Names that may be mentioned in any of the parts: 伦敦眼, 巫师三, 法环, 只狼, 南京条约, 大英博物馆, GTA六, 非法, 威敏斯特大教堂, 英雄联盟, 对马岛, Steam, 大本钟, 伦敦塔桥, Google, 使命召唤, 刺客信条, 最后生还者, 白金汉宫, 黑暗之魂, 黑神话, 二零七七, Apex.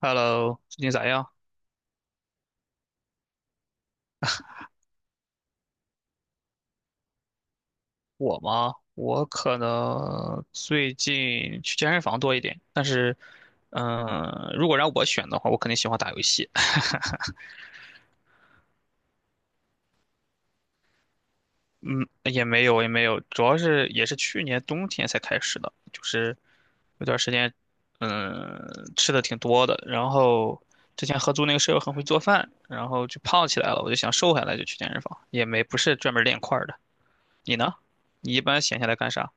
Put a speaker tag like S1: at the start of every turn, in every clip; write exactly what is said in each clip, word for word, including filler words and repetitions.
S1: Hello，最近咋样？我吗？我可能最近去健身房多一点，但是，嗯、如果让我选的话，我肯定喜欢打游戏。嗯，也没有，也没有，主要是也是去年冬天才开始的，就是有段时间，嗯，吃的挺多的，然后之前合租那个舍友很会做饭，然后就胖起来了，我就想瘦下来，就去健身房，也没不是专门练块儿的。你呢？你一般闲下来干啥？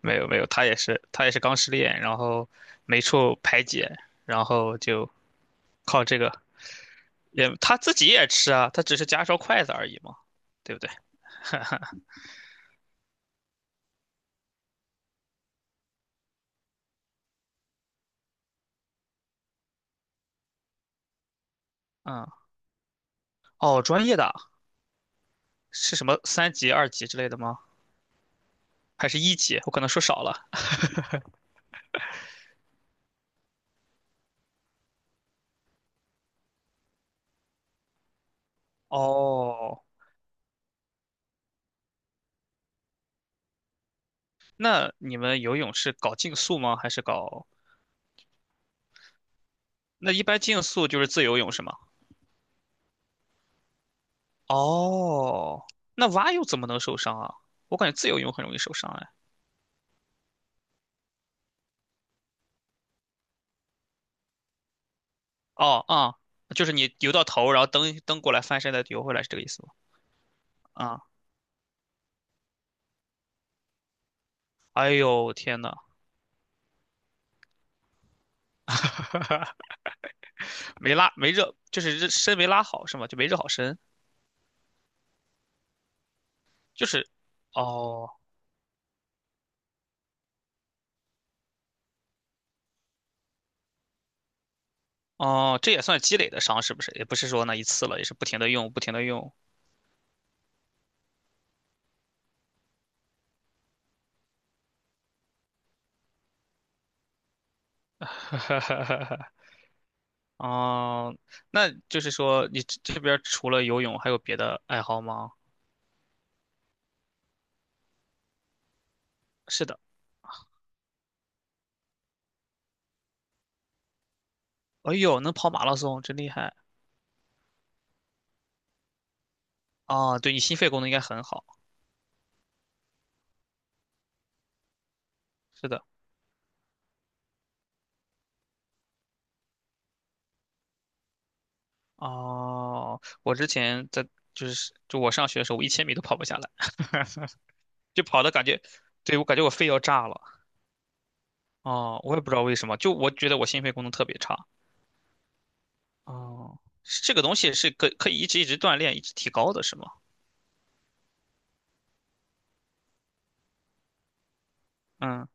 S1: 没有没有，他也是他也是刚失恋，然后没处排解，然后就靠这个也他自己也吃啊，他只是夹双筷子而已嘛，对不对？嗯，哦，专业的啊是什么三级、二级之类的吗？还是一级？我可能说少了。哦，那你们游泳是搞竞速吗？还是搞？那一般竞速就是自由泳是吗？哦，那蛙泳怎么能受伤啊？我感觉自由泳很容易受伤哎。哦，啊、就是你游到头，然后蹬蹬过来，翻身再游回来，是这个意思吗？啊、哎呦天呐，没拉没热，就是热身没拉好是吗？就没热好身，就是，哦哦，这也算积累的伤是不是？也不是说那一次了，也是不停的用，不停的用。哦，那就是说你这这边除了游泳还有别的爱好吗？是的，哎呦，能跑马拉松，真厉害啊！对你心肺功能应该很好。是的。哦，我之前在就是就我上学的时候，我一千米都跑不下来，就跑的感觉，对，我感觉我肺要炸了。哦，我也不知道为什么，就我觉得我心肺功能特别差。哦，是这个东西是可可以一直一直锻炼，一直提高的，是吗？嗯，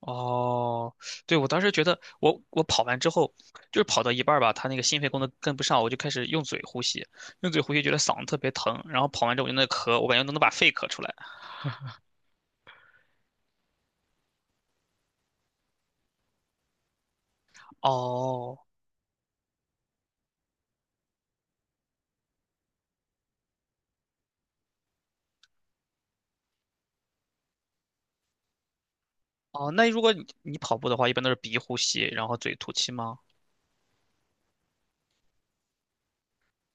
S1: 哦，对，我当时觉得我我跑完之后，就是跑到一半儿吧，他那个心肺功能跟不上，我就开始用嘴呼吸，用嘴呼吸觉得嗓子特别疼，然后跑完之后我就那咳，我感觉都能把肺咳出来。哦，哦，那如果你你跑步的话，一般都是鼻呼吸，然后嘴吐气吗？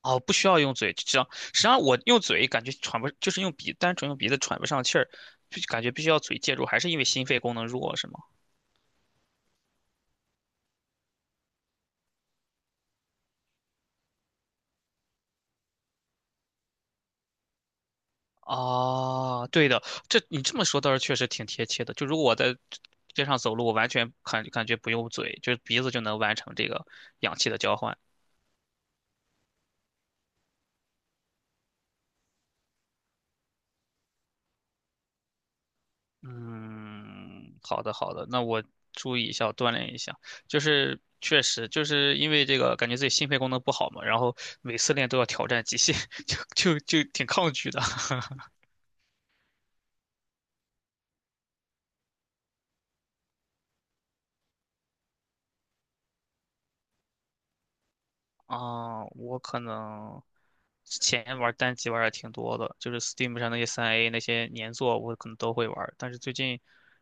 S1: 哦，不需要用嘴，这样实际上我用嘴感觉喘不，就是用鼻，单纯用鼻子喘不上气儿，就感觉必须要嘴介入，还是因为心肺功能弱，是吗？啊，对的，这你这么说倒是确实挺贴切的。就如果我在街上走路，我完全感感觉不用嘴，就是鼻子就能完成这个氧气的交换。嗯，好的好的，那我注意一下，我锻炼一下。就是确实就是因为这个，感觉自己心肺功能不好嘛，然后每次练都要挑战极限，就就就挺抗拒的。啊、我可能之前玩单机玩的挺多的，就是 Steam 上那些三 A 那些年作，我可能都会玩。但是最近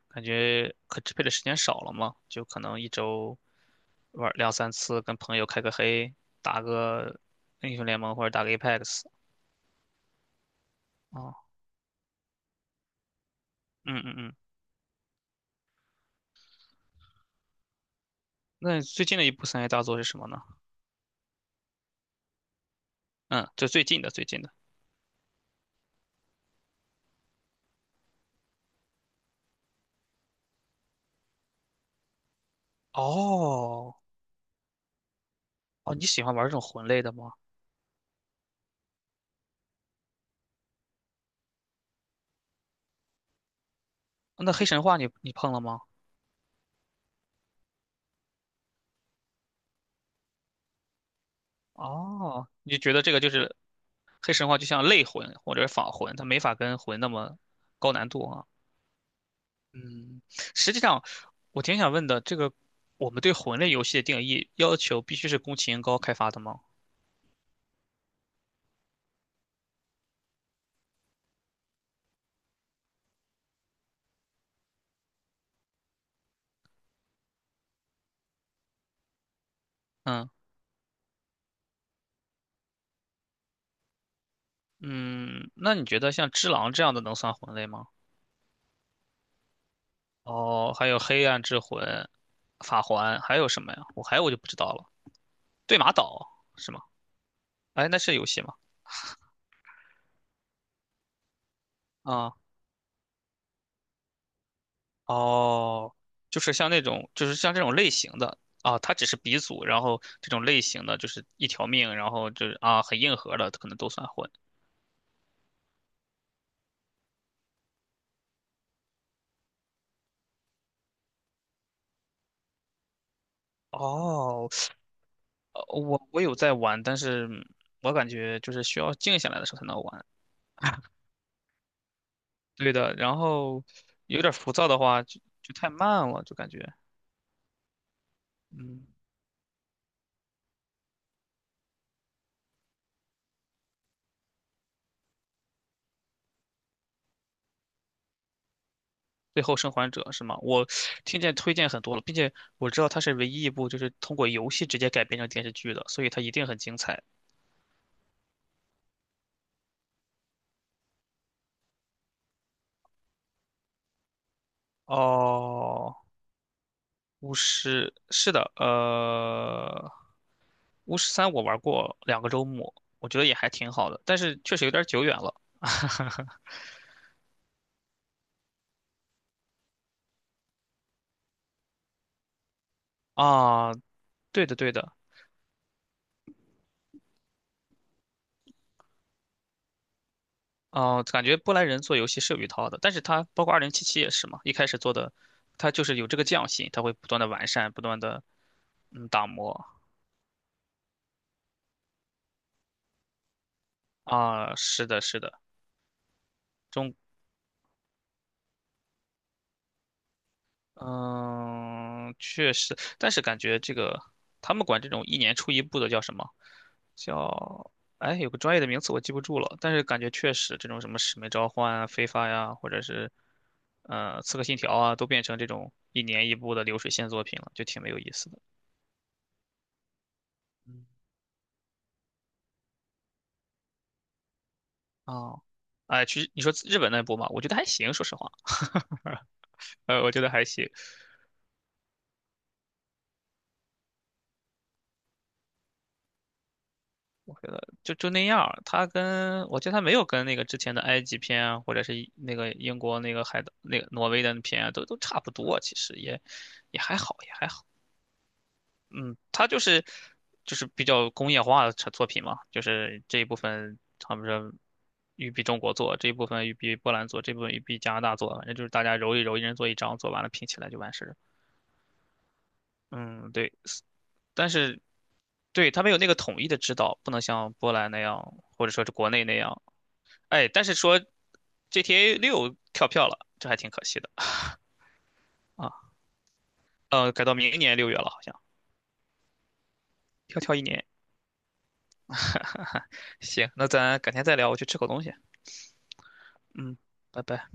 S1: 感觉可支配的时间少了嘛，就可能一周玩两三次，跟朋友开个黑，打个英雄联盟或者打个 Apex 啊、嗯嗯嗯，那最近的一部三 A 大作是什么呢？嗯，就最近的最近的。哦哦，你喜欢玩这种魂类的吗？那黑神话你你碰了吗？哦，你觉得这个就是黑神话就像类魂或者是仿魂，它没法跟魂那么高难度啊。嗯，实际上我挺想问的，这个我们对魂类游戏的定义要求必须是宫崎英高开发的吗？嗯嗯，那你觉得像《只狼》这样的能算魂类吗？哦，还有黑暗之魂、法环，还有什么呀？我还有我就不知道了。对马岛是吗？哎，那是游戏吗？啊，哦，就是像那种，就是像这种类型的啊，它只是鼻祖，然后这种类型的就是一条命，然后就是啊很硬核的，可能都算混。哦，呃我我有在玩，但是嗯我感觉就是需要静下来的时候才能玩。对的，然后有点浮躁的话，就就太慢了，就感觉嗯。最后生还者是吗？我 听见推荐很多了，并且我知道它是唯一一部就是通过游戏直接改编成电视剧的，所以它一定很精彩。哦，巫师是的，呃，巫师三我玩过两个周末，我觉得也还挺好的，但是确实有点久远了啊。对的，对的，啊，感觉波兰人做游戏是有一套的，但是他包括二零七七也是嘛，一开始做的，他就是有这个匠心，他会不断的完善，不断的嗯打磨。啊，是的，是的，中嗯，确实，但是感觉这个他们管这种一年出一部的叫什么？叫哎，有个专业的名词我记不住了，但是感觉确实这种什么《使命召唤》啊、《非法》呀，或者是呃《刺客信条》啊，都变成这种一年一部的流水线作品了，就挺没有意思的。嗯，哦，哎，其实你说日本那部嘛，我觉得还行，说实话，呃，我觉得还行。我觉得就就那样儿他跟我觉得他没有跟那个之前的埃及片啊，或者是一那个英国那个海的那个挪威的片啊，都都差不多，其实也也还好，也还好。嗯，他就是就是比较工业化的产作品嘛，就是这一部分他们说玉比中国做，这一部分玉比波兰做，这部分玉比加拿大做，反正就是大家揉一揉，一人做一张，做完了拼起来就完事儿。嗯，对，但是对他没有那个统一的指导，不能像波兰那样，或者说是国内那样。哎，但是说 G T A 六跳票了，这还挺可惜的啊。呃，改到明年六月了，好像要跳一年。行，那咱改天再聊，我去吃口东西。嗯，拜拜。